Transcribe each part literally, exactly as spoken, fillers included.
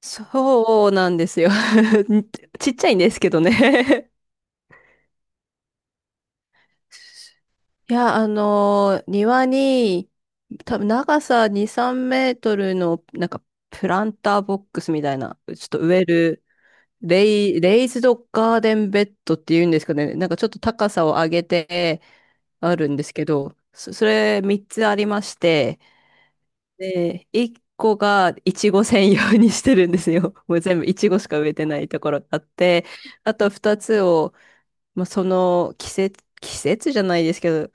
そうなんですよ。ちっちゃいんですけどね。 いや、あのー庭に、多分長さに、さんメートルの、なんか、プランターボックスみたいな、ちょっと植える、レイ、レイズドガーデンベッドっていうんですかね、なんかちょっと高さを上げてあるんですけど、そ、それみっつありまして、で、いっこがいちご専用にしてるんですよ。もう全部いちごしか植えてないところがあって、あとふたつを、まあ、その季節、季節じゃないですけど、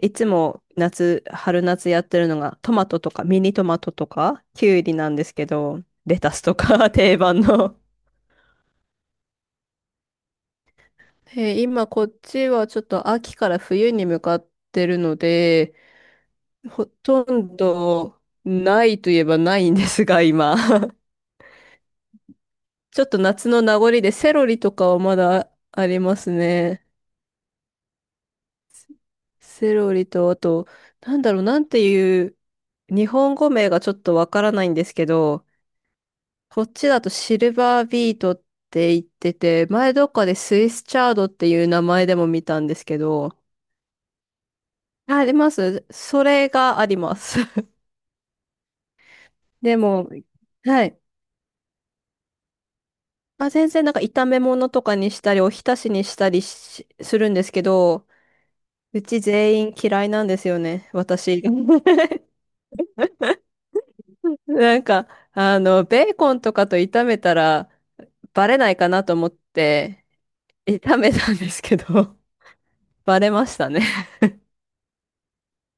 いつも夏、春夏やってるのがトマトとかミニトマトとかキュウリなんですけど、レタスとか 定番の。えー今こっちはちょっと秋から冬に向かってるので、ほとんどないといえばないんですが、今。ちょっと夏の名残でセロリとかはまだありますね。セロリと、あと、なんだろう、なんていう、日本語名がちょっとわからないんですけど、こっちだとシルバービートって言ってて、前どっかでスイスチャードっていう名前でも見たんですけど、ああります。それがあります。でも、はい。あ、全然なんか炒め物とかにしたり、お浸しにしたりしするんですけど、うち全員嫌いなんですよね、私。なんか、あの、ベーコンとかと炒めたらバレないかなと思って、炒めたんですけど、バレましたね。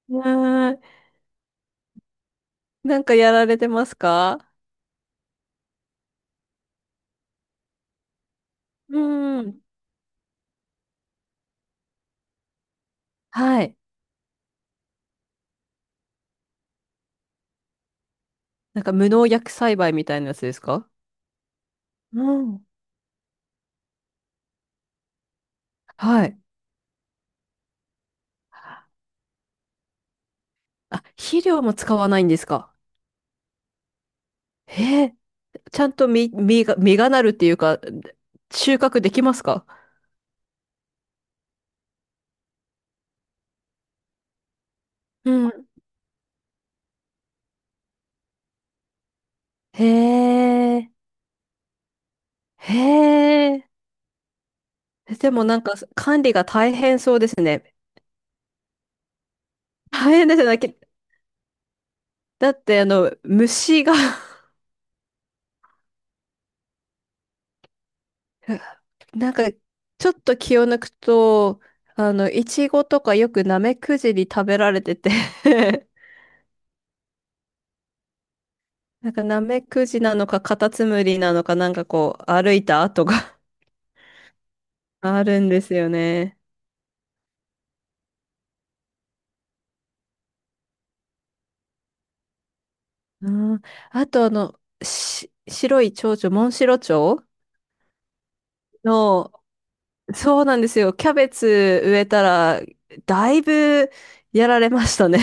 はーい。なんかやられてますか？うん。はい。なんか無農薬栽培みたいなやつですか？うん。はい。あ、肥料も使わないんですか？へえ、ちゃんと実、実が、実がなるっていうか、収穫できますか？うん。へえ。へえ。でもなんか管理が大変そうですね。大変ですよね。きだってあの虫が。 なんかちょっと気を抜くと、あの、イチゴとかよくナメクジに食べられてて。 なんかナメクジなのかカタツムリなのかなんかこう歩いた跡が あるんですよね。うん、あとあの、し、白い蝶々、モンシロチョウの。そうなんですよ。キャベツ植えたら、だいぶやられましたね。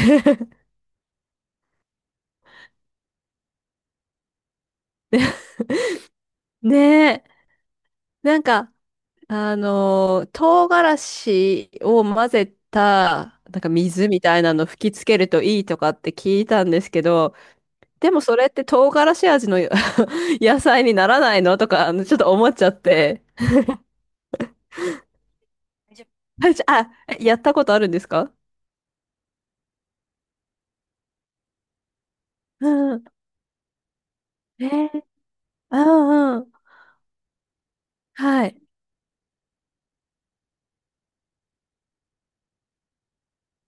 ねえ。なんか、あのー、唐辛子を混ぜた、なんか水みたいなの吹きつけるといいとかって聞いたんですけど、でもそれって唐辛子味の 野菜にならないのとか、あのちょっと思っちゃって。大丈夫？あ、やったことあるんですか？うん。えー、うんうん。はい。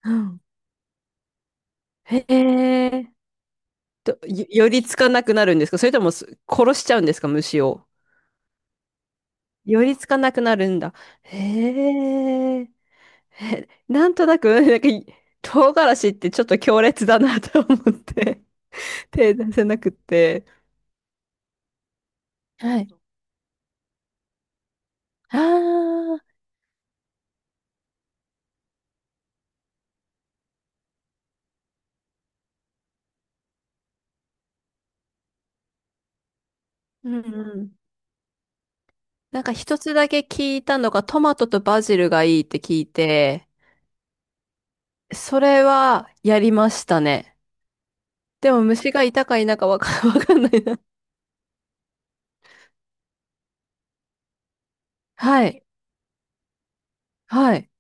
うん。へえ。と、よ寄りつかなくなるんですか？それともす殺しちゃうんですか、虫を。寄りつかなくなるんだ。へえ。えなんとなく、なんか、唐辛子ってちょっと強烈だなと思って、手出せなくって。はい。ああ、うんうん。なんか一つだけ聞いたのが、トマトとバジルがいいって聞いて、それはやりましたね。でも虫がいたかいなかわか、わかんないな。はい。はい。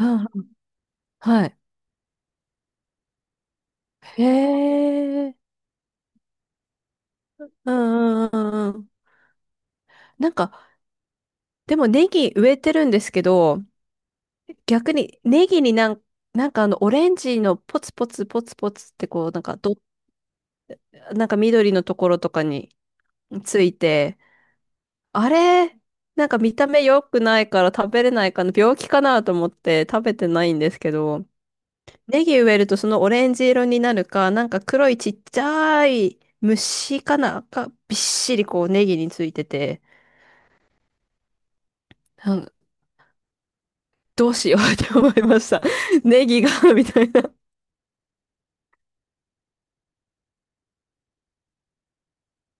うんはい。へえ、うんうんうんうん。なんか、でもネギ植えてるんですけど、逆にネギになん、なんかあのオレンジのポツポツポツポツってこう、なんかど、なんか緑のところとかについて、あれ、なんか見た目良くないから食べれないかな、病気かなと思って食べてないんですけど、ネギ植えるとそのオレンジ色になるか、なんか黒いちっちゃい虫かな、がびっしりこうネギについてて、どうしようって思いました。ネギが みたいな。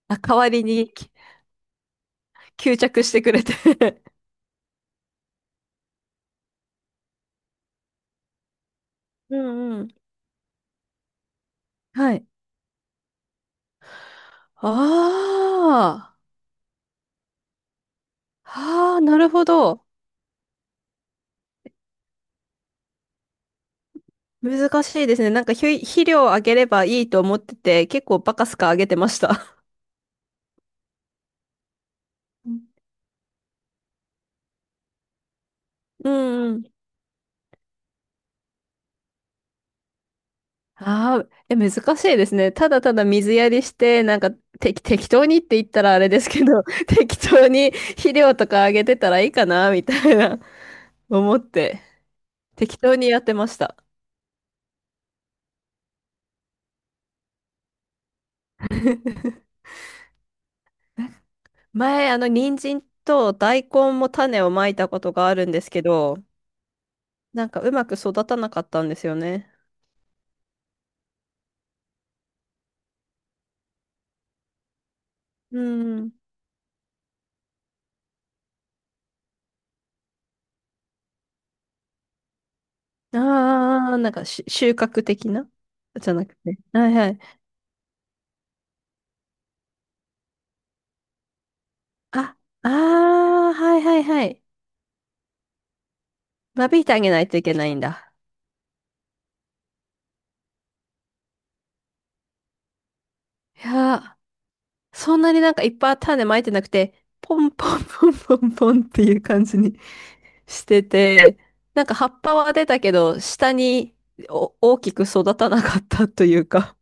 あ、代わりにき吸着してくれて。 うんうん。はい。ああ、はあ、なるほど。難しいですね。なんか肥肥料をあげればいいと思ってて、結構バカスカあげてました。うんうんうん。ああ、え、難しいですね。ただただ水やりして、なんかて適当にって言ったらあれですけど、適当に肥料とかあげてたらいいかな、みたいな思って、適当にやってました。前、あの、人参と大根も種をまいたことがあるんですけど、なんかうまく育たなかったんですよね。うん。ああ、なんかし収穫的なじゃなくて。はいはい。あ、ああ、はいはいはい。間引いてあげないといけないんだ。いやー、そんなになんかいっぱい種まいてなくて、ポンポンポンポンポンっていう感じにしてて、なんか葉っぱは出たけど、下にお大きく育たなかったというか。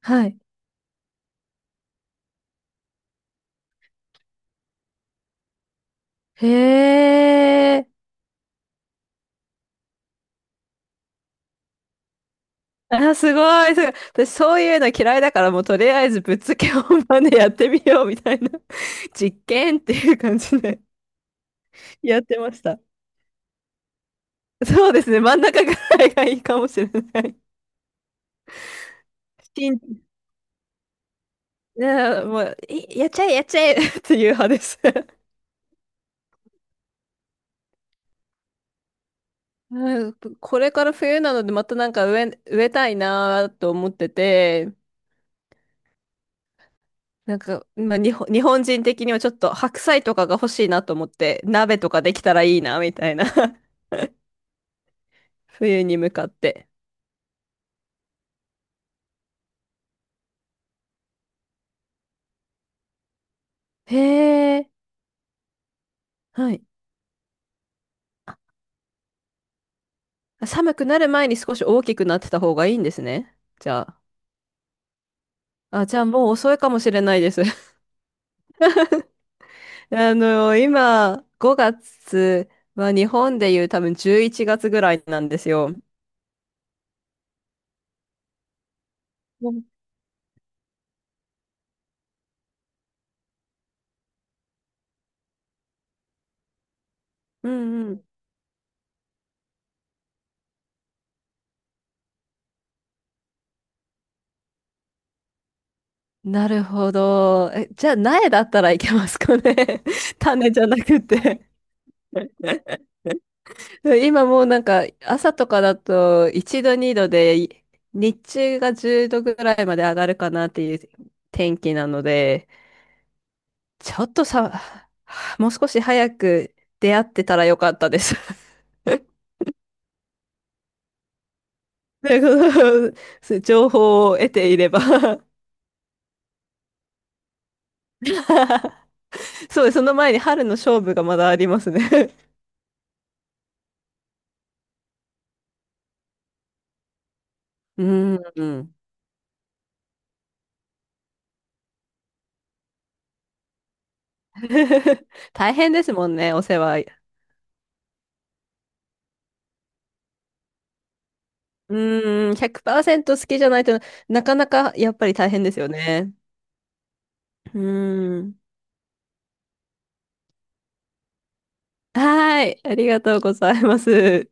はい。へえ。あ、すごい、すごい。私、そういうの嫌いだから、もうとりあえずぶっつけ本番でやってみようみたいな 実験っていう感じで やってました。そうですね、真ん中ぐらいがいいかもしれない。しん、ね、もう、いやっちゃえ、やっちゃえ っていう派です。うん、これから冬なので、またなんか植え、植えたいなと思ってて、なんか、まあ、日本、日本人的にはちょっと白菜とかが欲しいなと思って、鍋とかできたらいいなみたいな。冬に向かって。へえ、はい。あ寒くなる前に少し大きくなってた方がいいんですね。じゃあ。あ、じゃあもう遅いかもしれないです。あの、今、ごがつは日本でいう多分じゅういちがつぐらいなんですよ。うんうんうん。なるほど。え、じゃあ苗だったらいけますかね。種じゃなくて、今もうなんか朝とかだといちどにどでい日中がじゅうどぐらいまで上がるかなっていう天気なので、ちょっとさ、もう少し早く出会ってたらよかったです。でこの 情報を得ていれば。 そうです、その前に春の勝負がまだありますね。うん。うん。大変ですもんね、お世話。うん、ひゃくパーセント好きじゃないとなかなかやっぱり大変ですよね。うん。はーい。ありがとうございます。